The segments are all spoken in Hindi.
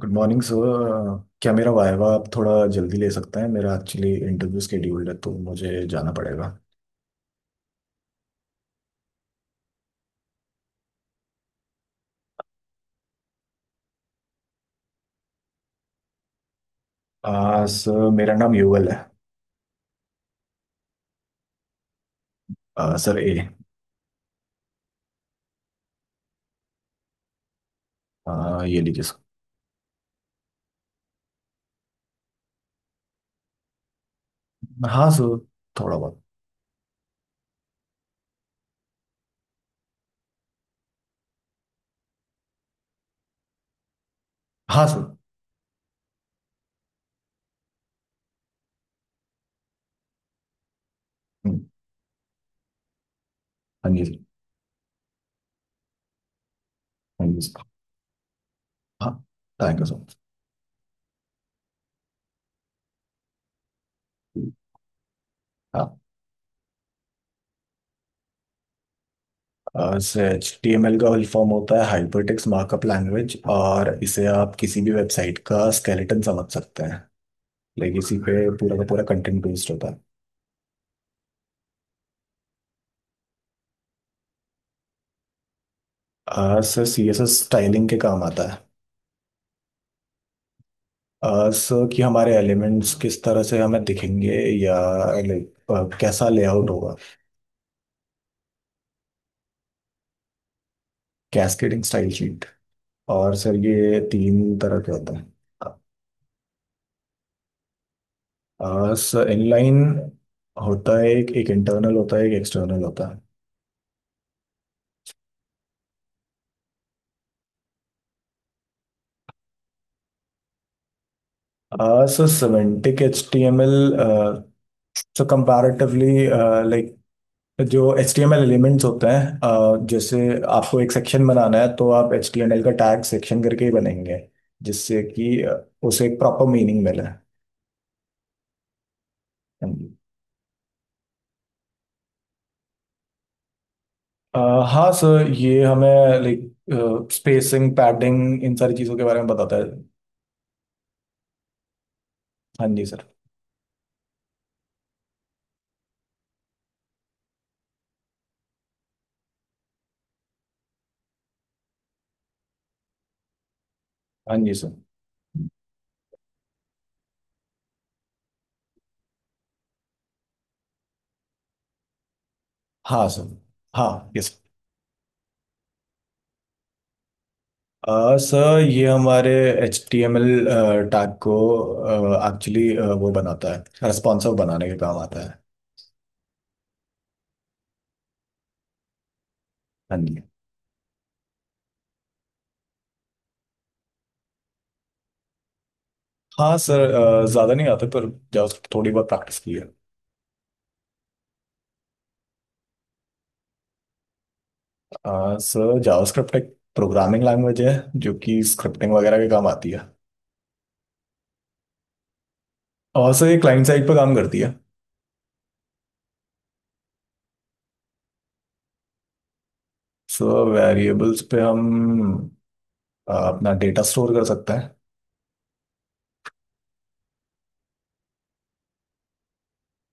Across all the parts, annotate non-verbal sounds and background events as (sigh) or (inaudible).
Good morning sir. क्या मेरा वाइवा आप थोड़ा जल्दी ले सकते हैं? मेरा एक्चुअली इंटरव्यू स्केड्यूल्ड है तो मुझे जाना पड़ेगा। सर मेरा नाम युगल है। सर, ए। ये लीजिए सर। हाँ सर, थोड़ा बहुत। हाँ सर। हम्म, हाँ जी सर। हाँ जी सर। हाँ। Thank you so much. हाँ। Sir, H T M L का फुल फॉर्म होता है हाइपरटेक्स्ट मार्कअप लैंग्वेज, और इसे आप किसी भी वेबसाइट का स्केलेटन समझ सकते हैं। लाइक इसी पे पूरा का पूरा कंटेंट बेस्ड होता है। Sir, C S S styling के काम आता है। सर, कि हमारे एलिमेंट्स किस तरह से हमें दिखेंगे। या लाइक कैसा लेआउट होगा। Cascading style sheet. और सर, ये तीन तरह के होते हैं। सर, इनलाइन होता है, एक एक इंटरनल होता है, एक एक्सटर्नल होता है। Sir, semantic H T M L. So comparatively, like जो H T M L elements होते हैं, जैसे आपको एक सेक्शन बनाना है तो आप एच टी एम एल का टैग सेक्शन करके ही बनाएंगे, जिससे कि उसे एक प्रॉपर मीनिंग मिले। हाँ जी। अ, हाँ सर, ये हमें लाइक स्पेसिंग, पैडिंग, इन सारी चीज़ों के बारे में बताता है। हाँ जी सर। हाँ जी सर। हाँ सर। हाँ, यस। सर सर, ये हमारे H T M L tag को एक्चुअली, वो बनाता है, रेस्पॉन्सिव बनाने के काम आता है। हाँ जी। हाँ सर, ज़्यादा नहीं आता, पर जावास्क्रिप्ट थोड़ी बहुत प्रैक्टिस की है। सर, जावास्क्रिप्ट एक प्रोग्रामिंग लैंग्वेज है, जो कि स्क्रिप्टिंग वगैरह के काम आती है। और सर, ये क्लाइंट साइड पर काम करती है। सो, वेरिएबल्स पे हम अपना डेटा स्टोर कर सकते हैं।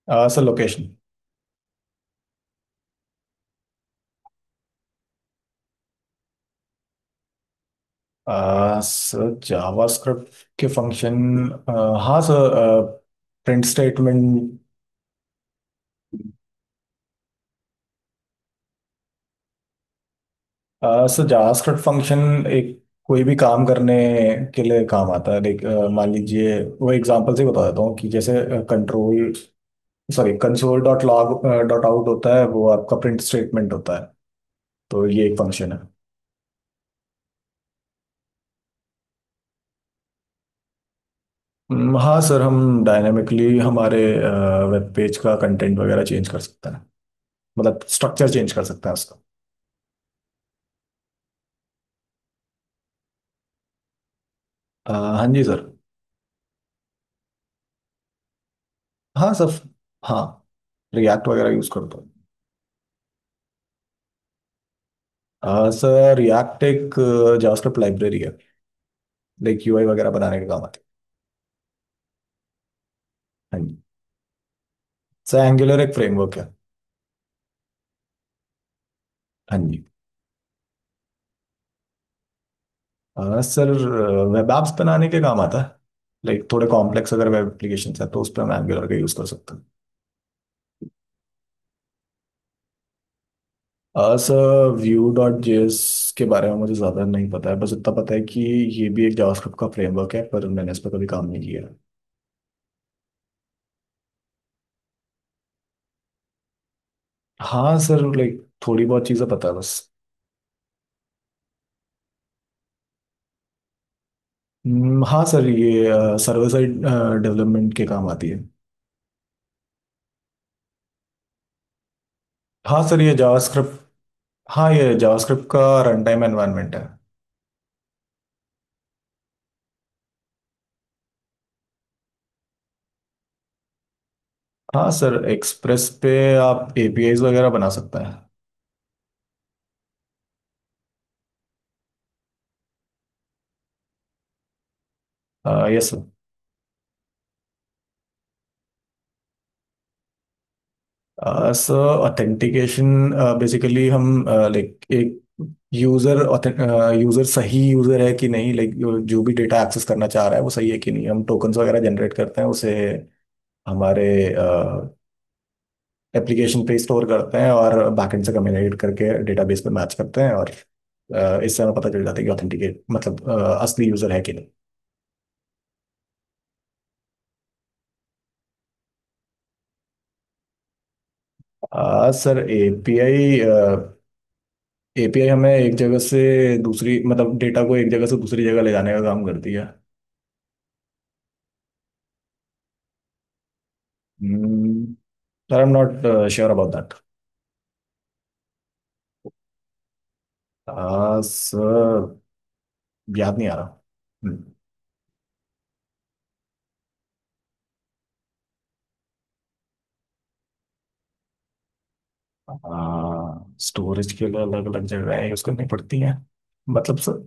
Sir, location. सर, जावास्क्रिप्ट के फंक्शन। हाँ sir. Print statement. So JavaScript function एक कोई भी काम करने के लिए काम आता है, लाइक मान लीजिए वो एग्जांपल से ही बता देता हूँ कि जैसे control sorry console dot log dot out होता है, वो आपका प्रिंट स्टेटमेंट होता है। तो ये एक फंक्शन है। हाँ सर, हम डायनामिकली हमारे वेब पेज का कंटेंट वगैरह चेंज कर सकते हैं। मतलब स्ट्रक्चर चेंज कर सकते हैं उसका। अ, हाँ जी सर। हाँ सर। हाँ, रिएक्ट वगैरह यूज़ करता हूँ। सर, रिएक्ट एक जावास्क्रिप्ट लाइब्रेरी है, लाइक यूआई वगैरह बनाने के काम आते हैं। हाँ जी सर, एंगुलर एक फ्रेमवर्क है। हाँ जी। सर, वेब एप्स बनाने के काम आता है। लाइक थोड़े कॉम्प्लेक्स अगर वेब एप्लीकेशन है तो उस पर हम एंगुलर का यूज़ कर सकते हैं। सर, व्यू डॉट जेएस के बारे में मुझे ज़्यादा नहीं पता है, बस इतना पता है कि ये भी एक जावास्क्रिप्ट का फ्रेमवर्क है, पर मैंने इस पर कभी काम नहीं किया है। हाँ सर, लाइक थोड़ी बहुत चीज़ें पता है बस। हाँ सर, ये सर्वर साइड डेवलपमेंट के काम आती है। हाँ सर, ये जावास्क्रिप्ट, हाँ, ये जावास्क्रिप्ट का रन टाइम एनवायरनमेंट है। हाँ सर, एक्सप्रेस पे आप एपीआईज वगैरह बना सकते हैं। Yes. Sir sir, authentication basically हम लाइक एक यूजर, यूजर सही यूजर है कि नहीं, लाइक जो भी डेटा एक्सेस करना चाह रहा है वो सही है कि नहीं, हम टोकन्स वगैरह जनरेट करते हैं, उसे हमारे एप्लीकेशन पे स्टोर करते हैं, और बैकएंड से कम्युनिकेट करके डेटाबेस पे मैच करते हैं, और इससे हमें पता चल जाता है कि ऑथेंटिकेट, मतलब असली यूजर है कि नहीं। सर, एपीआई एपीआई हमें एक जगह से दूसरी, मतलब डेटा को एक जगह से दूसरी जगह ले जाने का काम करती है। हम्म, sir, I am not sure about that. Sir, याद नहीं आ रहा। हम्म। स्टोरेज के लिए अलग अलग जगह यूज करनी पड़ती हैं। मतलब सर,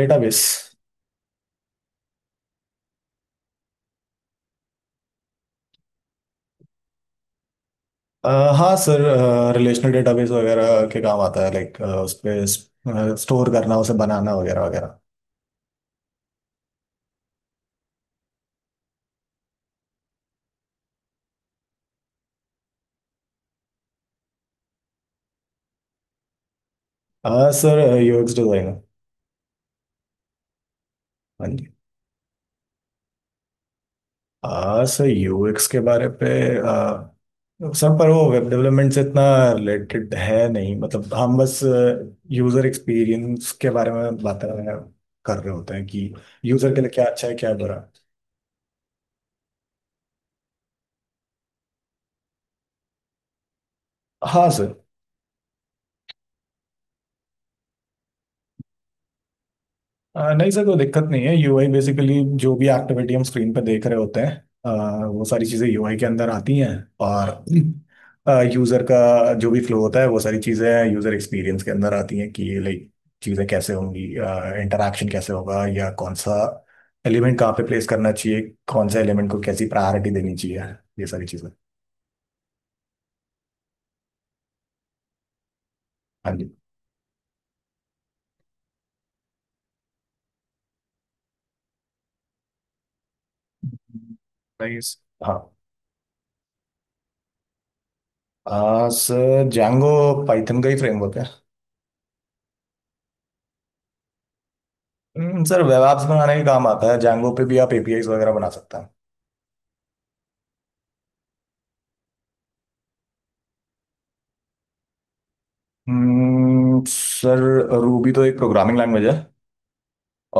डेटाबेस। अ, हाँ सर, रिलेशनल डेटाबेस वगैरह के काम आता है, लाइक उस पे स्टोर करना, उसे बनाना वगैरह वगैरह। Sir, UX designer. हाँ। हाँ सर, यूएक्स के बारे पे, अ, सर, पर वो वेब डेवलपमेंट से इतना रिलेटेड है नहीं, मतलब हम बस यूजर एक्सपीरियंस के बारे में बातें कर रहे होते हैं, कि यूजर के लिए क्या अच्छा है, क्या बुरा। हाँ सर। नहीं सर, कोई दिक्कत नहीं है। यूआई बेसिकली जो भी एक्टिविटी हम स्क्रीन पे देख रहे होते हैं, वो सारी चीज़ें यूआई के अंदर आती हैं। और (clears throat) यूज़र का जो भी फ्लो होता है, वो सारी चीज़ें यूज़र एक्सपीरियंस के अंदर आती हैं, कि लाइक चीज़ें कैसे होंगी, इंटरेक्शन कैसे होगा, या कौन सा एलिमेंट कहाँ पे प्लेस करना चाहिए, कौन सा एलिमेंट को कैसी प्रायोरिटी देनी चाहिए, ये सारी चीज़ें। हाँ जी। नाइस। हाँ। सर, जैंगो पाइथन का ही फ्रेमवर्क है। सर, वेब एप्स बनाने के काम आता है, जैंगो पे भी आप एपीआईज वगैरह बना सकते हैं। सर, रूबी तो एक प्रोग्रामिंग लैंग्वेज है,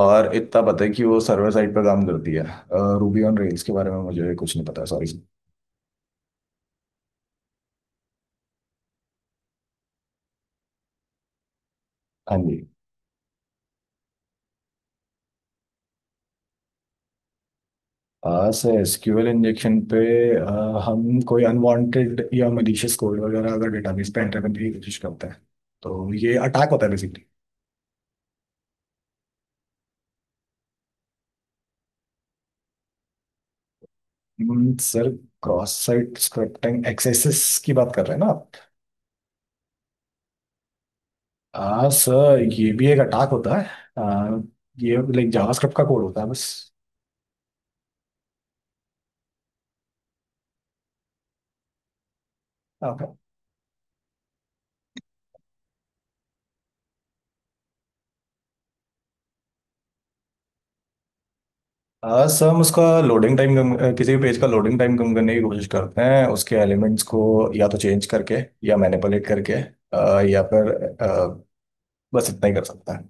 और इतना पता है कि वो सर्वर साइड पर काम करती है। रूबी ऑन रेल्स के बारे में मुझे कुछ नहीं पता, सॉरी। हाँ जी। सर, एसक्यूएल इंजेक्शन पे हम कोई अनवांटेड या मलिशियस कोड वगैरह अगर डेटाबेस पे एंटर करने की कोशिश करते हैं, तो ये अटैक होता है basically. Sir, cross site scripting access की बात कर रहे हैं ना आप? हाँ सर, ये भी एक अटैक होता है। आ, ये लाइक जावास्क्रिप्ट का कोड होता है बस। ओके। सर, हम उसका लोडिंग टाइम कम, किसी भी पेज का लोडिंग टाइम कम करने की कोशिश करते हैं, उसके एलिमेंट्स को या तो चेंज करके, या मैनिपुलेट करके, या फिर आ, बस इतना ही कर सकता है।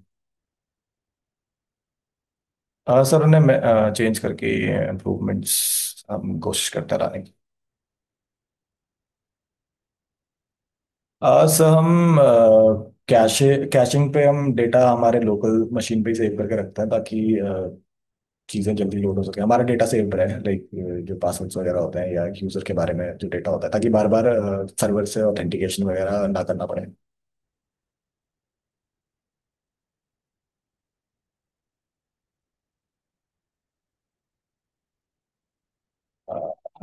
सर, उन्हें चेंज करके, इम्प्रूवमेंट्स हम कोशिश करते रहने की। सर, हम कैशे, कैशिंग पे हम डेटा हमारे लोकल मशीन पे सेव करके रखते हैं, ताकि चीज़ें जल्दी लोड हो सके, हमारा डेटा सेव्ड रहे, लाइक जो पासवर्ड्स वगैरह होते हैं या यूज़र के बारे में जो डेटा होता है, ताकि बार बार सर्वर से ऑथेंटिकेशन वगैरह ना करना पड़े।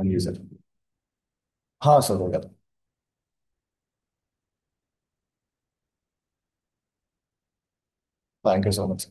An user. हाँ सर, हो गया था। Thank you so much.